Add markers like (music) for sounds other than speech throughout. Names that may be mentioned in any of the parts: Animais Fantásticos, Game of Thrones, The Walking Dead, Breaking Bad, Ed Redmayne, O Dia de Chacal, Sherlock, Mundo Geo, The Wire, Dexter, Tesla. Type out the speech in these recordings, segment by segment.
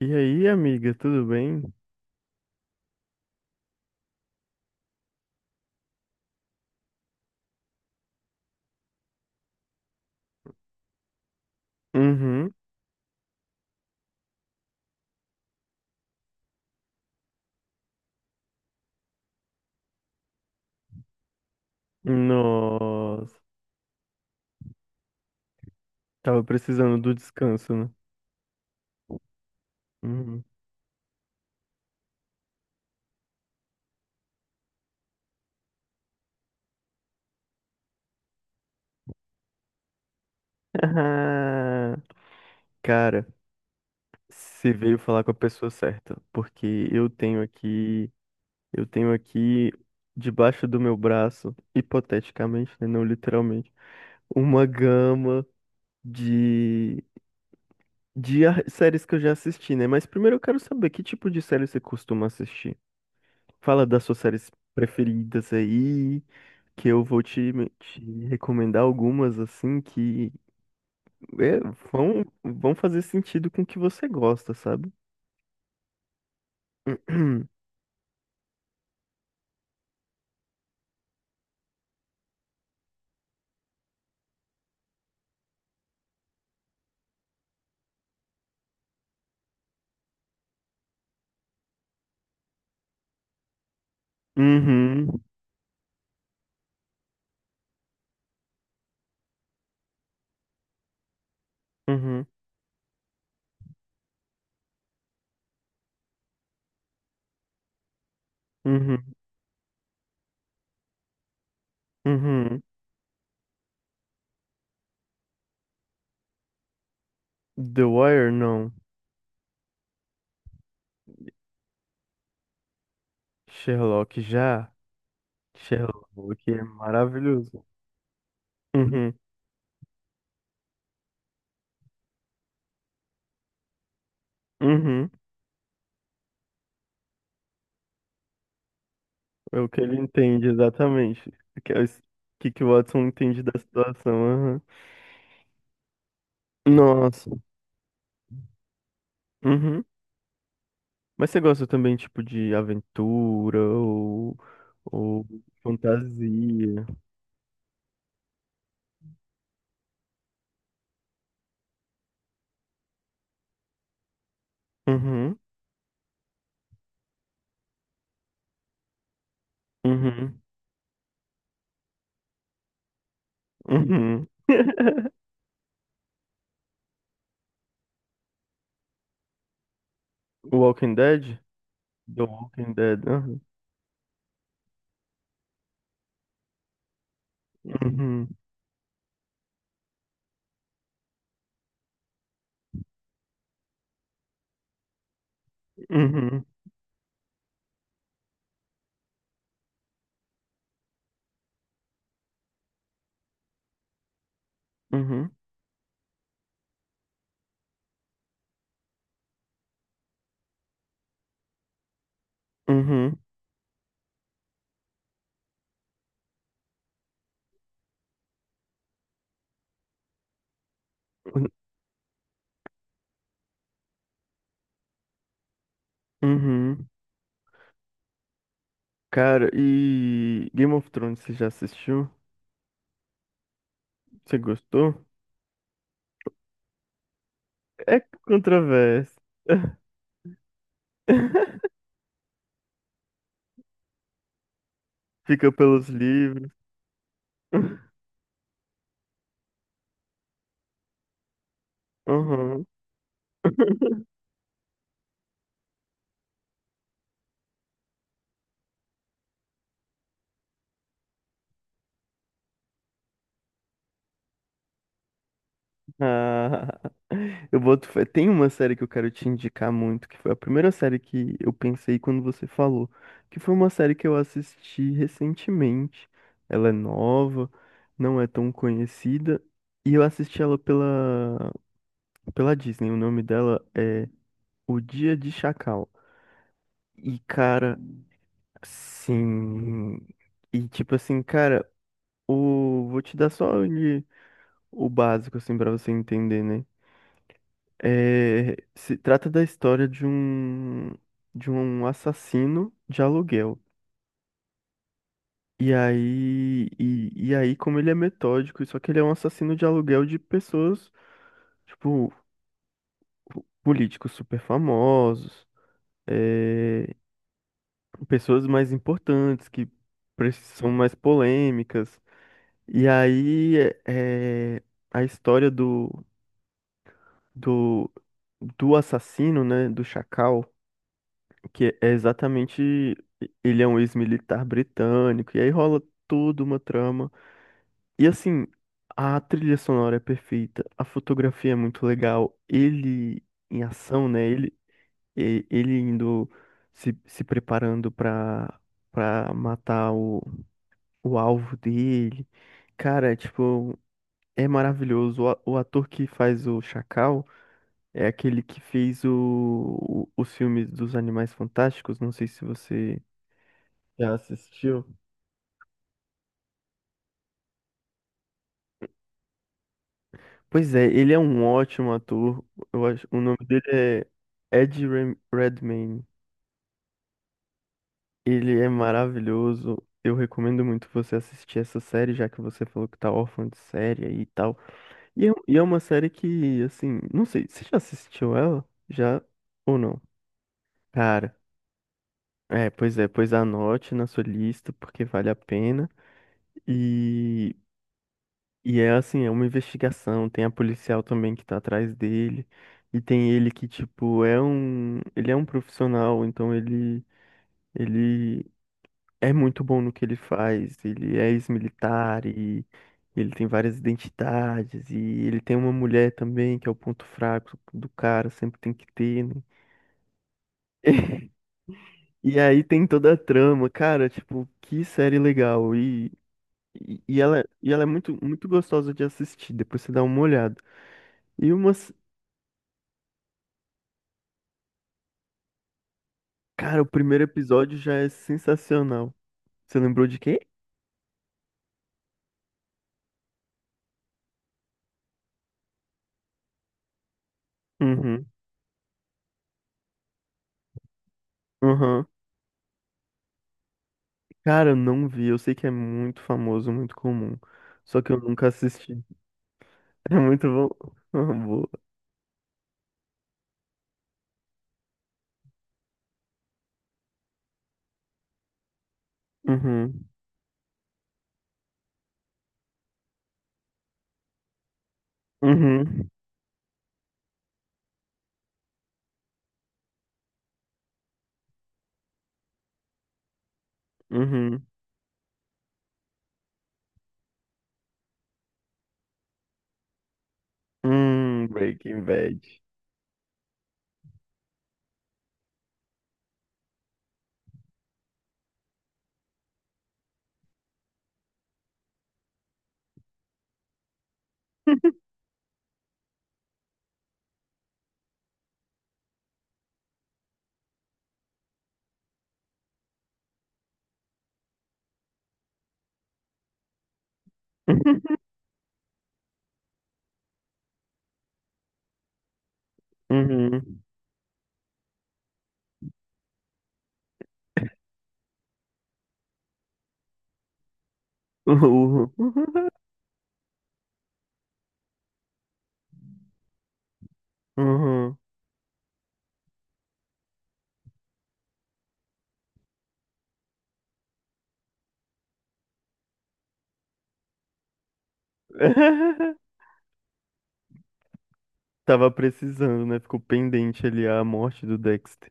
E aí, amiga, tudo bem? Uhum. Nossa, tava precisando do descanso, né? Uhum. (laughs) Ah, cara, você veio falar com a pessoa certa, porque eu tenho aqui debaixo do meu braço, hipoteticamente, né, não literalmente, uma gama de de séries que eu já assisti, né? Mas primeiro eu quero saber que tipo de série você costuma assistir. Fala das suas séries preferidas aí. Que eu vou te recomendar algumas assim que é, vão fazer sentido com o que você gosta, sabe? (clears throat) Uhum, uhum, uhum, uhum. The Wire, não. Sherlock já. Sherlock é maravilhoso. Uhum, uhum. É o que ele entende exatamente. O que, é o que que o Watson entende da situação. Aham. Nossa. Uhum. Mas você gosta também, tipo, de aventura ou fantasia? Uhum, uhum, uhum. (laughs) Walking Dead? The Walking Dead. Uhum, uhum, uhum, uhum, uhum, uhum. Cara, e Game of Thrones, você já assistiu? Você gostou? É controverso. (laughs) Fica pelos livros. Uhum. (laughs) Ah, (laughs) eu boto fé. Tem uma série que eu quero te indicar muito, que foi a primeira série que eu pensei quando você falou, que foi uma série que eu assisti recentemente. Ela é nova, não é tão conhecida, e eu assisti ela pela Disney. O nome dela é O Dia de Chacal. E cara, sim. E tipo assim, cara, o vou te dar só o básico assim para você entender, né? É, se trata da história de um assassino de aluguel. E aí, e aí, como ele é metódico, só que ele é um assassino de aluguel de pessoas, tipo, políticos super famosos, é, pessoas mais importantes, que são mais polêmicas. E aí, é, é, a história do, do assassino, né, do Chacal, que é exatamente ele é um ex-militar britânico, e aí rola toda uma trama. E assim, a trilha sonora é perfeita, a fotografia é muito legal, ele em ação, né? Ele indo se preparando pra, pra matar o alvo dele. Cara, é, tipo, é maravilhoso. O ator que faz o Chacal é aquele que fez os filmes dos Animais Fantásticos. Não sei se você já assistiu. Pois é, ele é um ótimo ator. Eu acho, o nome dele é Redmayne. Ele é maravilhoso. Eu recomendo muito você assistir essa série, já que você falou que tá órfã de série aí e tal. E é, um, e é uma série que, assim, não sei, você já assistiu ela? Já ou não? Cara, é, pois anote na sua lista, porque vale a pena. E e é assim, é uma investigação, tem a policial também que tá atrás dele, e tem ele que, tipo, é um, ele é um profissional, então ele é muito bom no que ele faz, ele é ex-militar e ele tem várias identidades, e ele tem uma mulher também, que é o ponto fraco do cara, sempre tem que ter, né? (laughs) E aí tem toda a trama, cara, tipo, que série legal. E, e ela é muito, muito gostosa de assistir, depois você dá uma olhada. E uma, cara, o primeiro episódio já é sensacional. Você lembrou de quê? Uhum, uhum. Cara, eu não vi. Eu sei que é muito famoso, muito comum. Só que eu nunca assisti. (laughs) É muito bom. Uhum, boa. Uhum, uhum, uhum. Breaking Bad. (laughs) Uhum, uhum, uhum. (laughs) Tava precisando, né? Ficou pendente ali a morte do Dexter.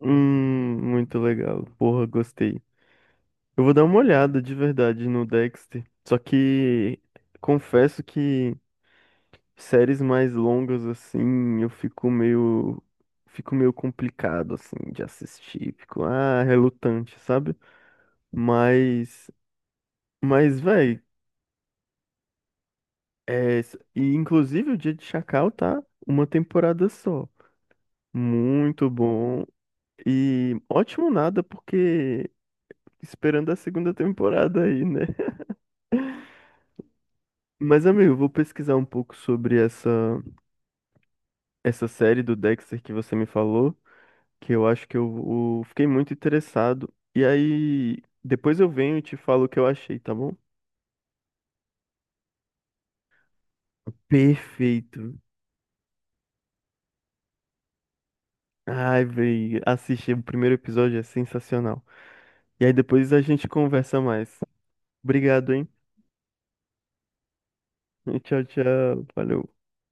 Muito legal. Porra, gostei. Eu vou dar uma olhada de verdade no Dexter. Só que confesso que séries mais longas assim, eu fico meio complicado assim de assistir, fico ah, relutante, sabe? Mas mas véi, e inclusive o Dia de Chacal tá uma temporada só. Muito bom e ótimo nada porque esperando a segunda temporada aí, né? (laughs) Mas, amigo, eu vou pesquisar um pouco sobre essa série do Dexter que você me falou, que eu acho eu fiquei muito interessado. E aí, depois eu venho e te falo o que eu achei, tá bom? Perfeito. Ai, véi, assistir o primeiro episódio é sensacional. E aí depois a gente conversa mais. Obrigado, hein? (laughs) Tchau, tchau. Valeu.